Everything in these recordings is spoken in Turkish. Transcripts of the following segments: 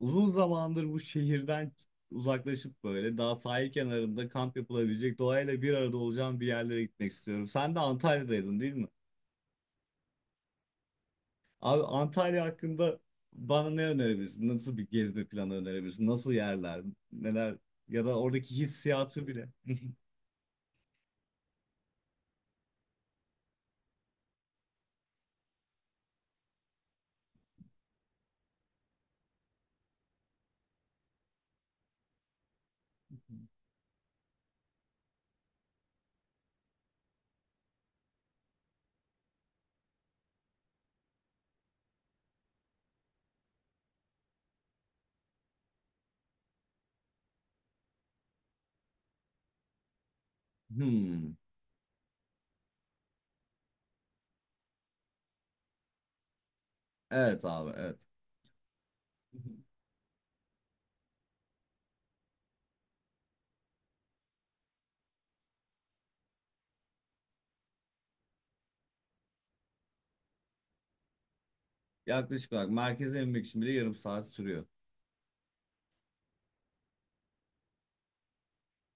Uzun zamandır bu şehirden uzaklaşıp böyle daha sahil kenarında kamp yapılabilecek doğayla bir arada olacağım bir yerlere gitmek istiyorum. Sen de Antalya'daydın değil mi? Abi Antalya hakkında bana ne önerebilirsin? Nasıl bir gezme planı önerebilirsin? Nasıl yerler? Neler? Ya da oradaki hissiyatı bile. Hmm. Evet abi, evet. Yaklaşık olarak merkeze inmek için bile yarım saat sürüyor.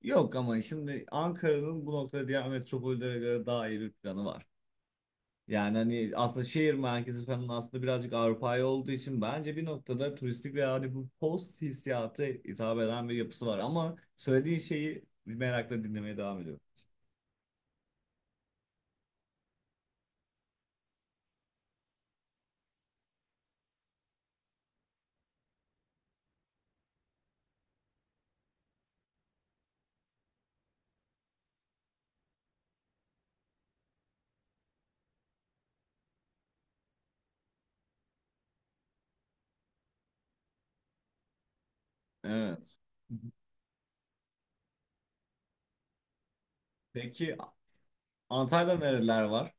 Yok, ama şimdi Ankara'nın bu noktada diğer metropollere göre daha iyi bir planı var. Yani hani aslında şehir merkezi falan aslında birazcık Avrupa'ya olduğu için bence bir noktada turistik ve hani bu post hissiyatı hitap eden bir yapısı var. Ama söylediğin şeyi merakla dinlemeye devam ediyorum. Evet. Peki Antalya'da nereler var?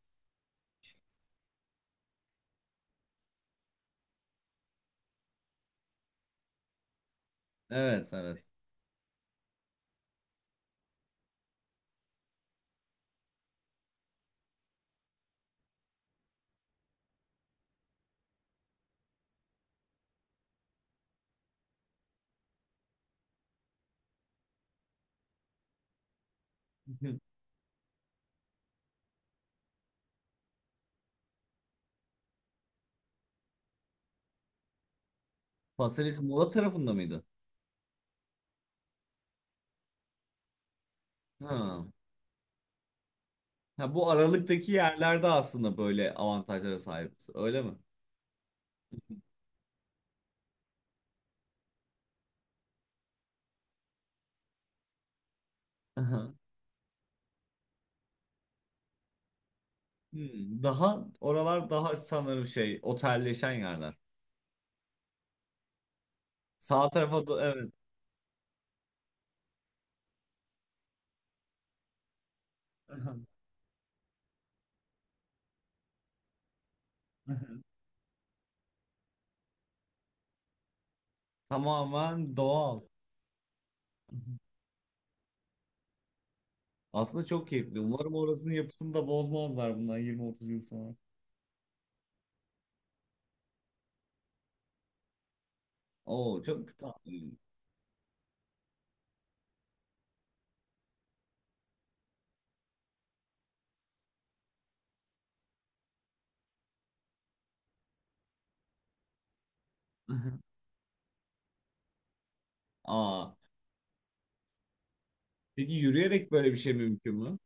Evet, evet. Paselis Muğla tarafında mıydı? Ha. Ha, bu aralıktaki yerlerde aslında böyle avantajlara sahip, öyle mi? Aha. Hmm, daha oralar daha sanırım şey otelleşen yerler. Sağ tarafa evet. Tamamen doğal. Hı hı. Aslında çok keyifli. Umarım orasının yapısını da bozmazlar bundan 20-30 yıl sonra. Oo çok tatlı. Aa, peki yürüyerek böyle bir şey mümkün mü?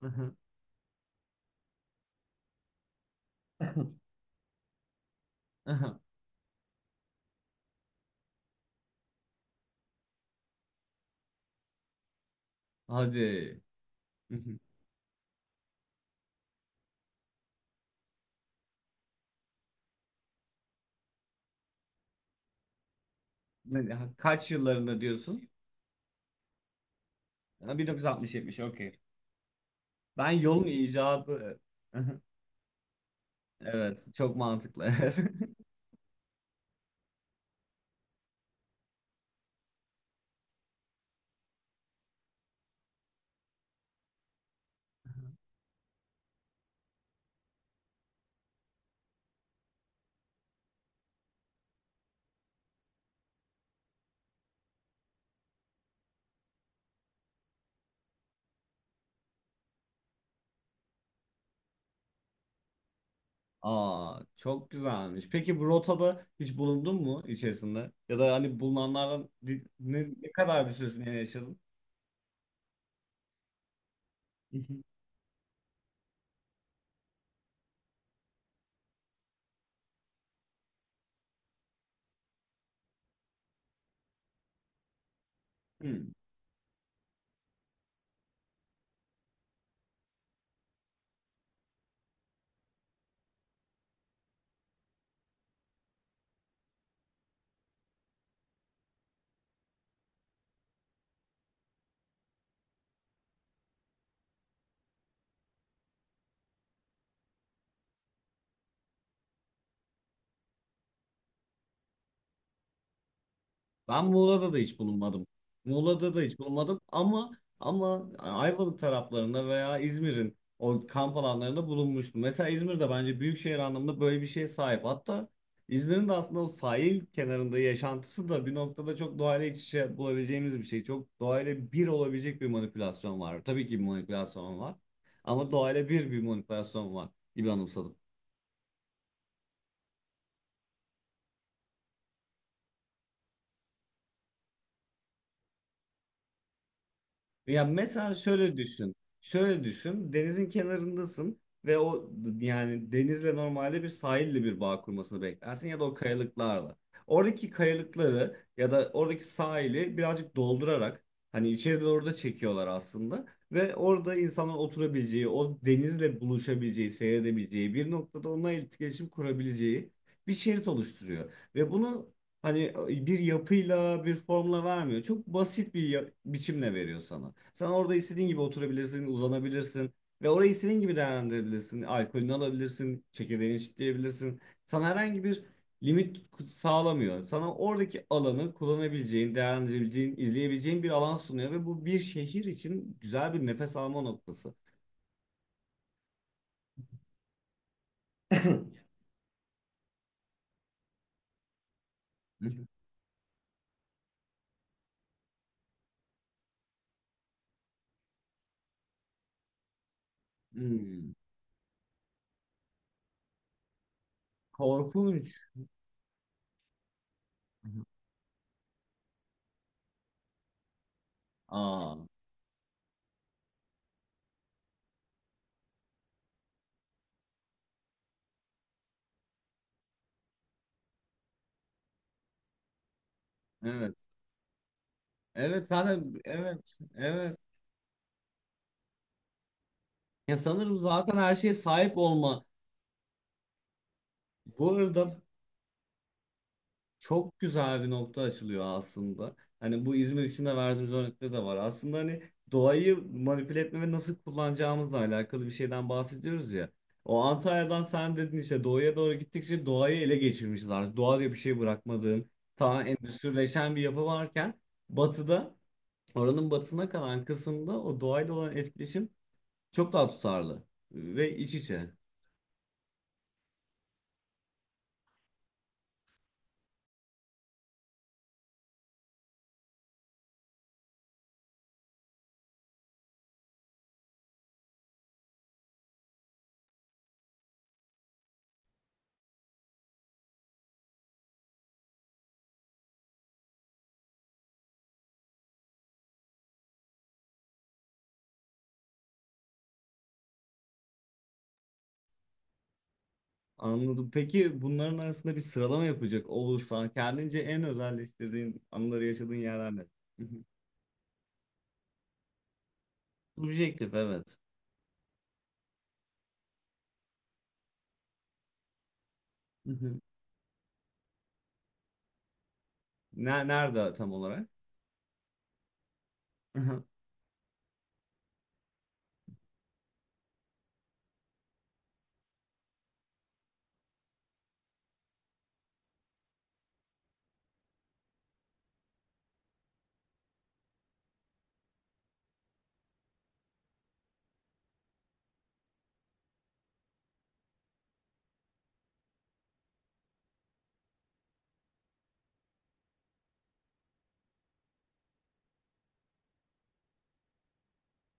Hı hı. Aha. Hadi. Hı hı. Kaç yıllarında diyorsun? Ha, 1960-70, okey. Ben yolun icadı. Hı hı. Evet, çok mantıklı. Aa, çok güzelmiş. Peki bu rotada hiç bulundun mu içerisinde? Ya da hani bulunanlardan ne kadar bir süresini yaşadın? Hı. Ben Muğla'da da hiç bulunmadım. Muğla'da da hiç bulunmadım, ama Ayvalık taraflarında veya İzmir'in o kamp alanlarında bulunmuştum. Mesela İzmir'de bence büyükşehir anlamında böyle bir şeye sahip. Hatta İzmir'in de aslında o sahil kenarında yaşantısı da bir noktada çok doğayla iç içe bulabileceğimiz bir şey. Çok doğayla bir olabilecek bir manipülasyon var. Tabii ki bir manipülasyon var. Ama doğayla bir manipülasyon var gibi anımsadım. Ya mesela şöyle düşün. Şöyle düşün. Denizin kenarındasın ve yani denizle normalde bir sahille bir bağ kurmasını beklersin ya da o kayalıklarla. Oradaki kayalıkları ya da oradaki sahili birazcık doldurarak hani içeri doğru da çekiyorlar aslında ve orada insanlar oturabileceği, o denizle buluşabileceği, seyredebileceği, bir noktada onunla iletişim kurabileceği bir şerit oluşturuyor. Ve bunu Hani bir yapıyla bir formla vermiyor. Çok basit bir biçimle veriyor sana. Sen orada istediğin gibi oturabilirsin, uzanabilirsin ve orayı istediğin gibi değerlendirebilirsin. Alkolünü alabilirsin, çekirdeğini çitleyebilirsin. Sana herhangi bir limit sağlamıyor. Sana oradaki alanı kullanabileceğin, değerlendirebileceğin, izleyebileceğin bir alan sunuyor ve bu bir şehir için güzel bir nefes alma noktası. Hmm. Korkunç. Aa, evet. Evet zaten, evet. Evet. Ya sanırım zaten her şeye sahip olma. Bu arada çok güzel bir nokta açılıyor aslında. Hani bu İzmir için de verdiğimiz örnekte de var. Aslında hani doğayı manipüle etme ve nasıl kullanacağımızla alakalı bir şeyden bahsediyoruz ya. O Antalya'dan sen dedin işte, doğuya doğru gittikçe doğayı ele geçirmişiz artık. Doğa diye bir şey bırakmadığın, tamamen endüstrileşen bir yapı varken batıda, oranın batısına kalan kısımda o doğayla olan etkileşim çok daha tutarlı ve iç içe. Anladım. Peki bunların arasında bir sıralama yapacak olursan kendince en özelleştirdiğin anıları yaşadığın yerler ne? Hı hı. Subjektif, evet. Hı hı. Ne, nerede tam olarak? Hı hı.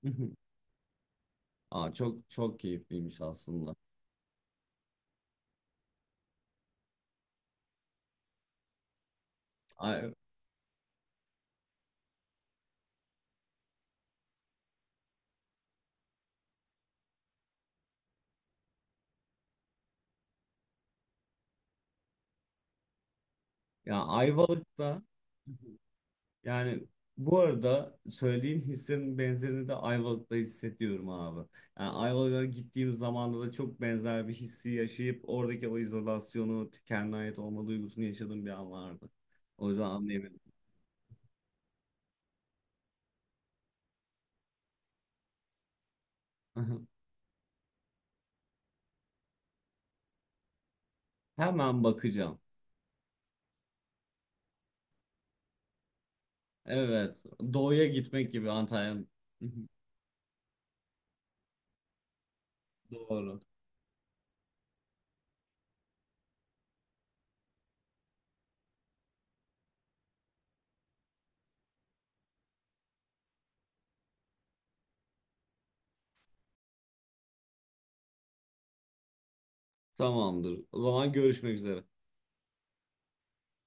Hı hı. Aa, çok çok keyifliymiş aslında. Ay, ya Ayvalık'ta. Yani bu arada söylediğin hislerin benzerini de Ayvalık'ta hissediyorum abi. Yani Ayvalık'a gittiğim zamanda da çok benzer bir hissi yaşayıp oradaki o izolasyonu, kendine ait olma duygusunu yaşadığım bir an vardı. O yüzden anlayamadım. Hemen bakacağım. Evet, doğuya gitmek gibi Antalya. Doğru. Tamamdır. O zaman görüşmek üzere.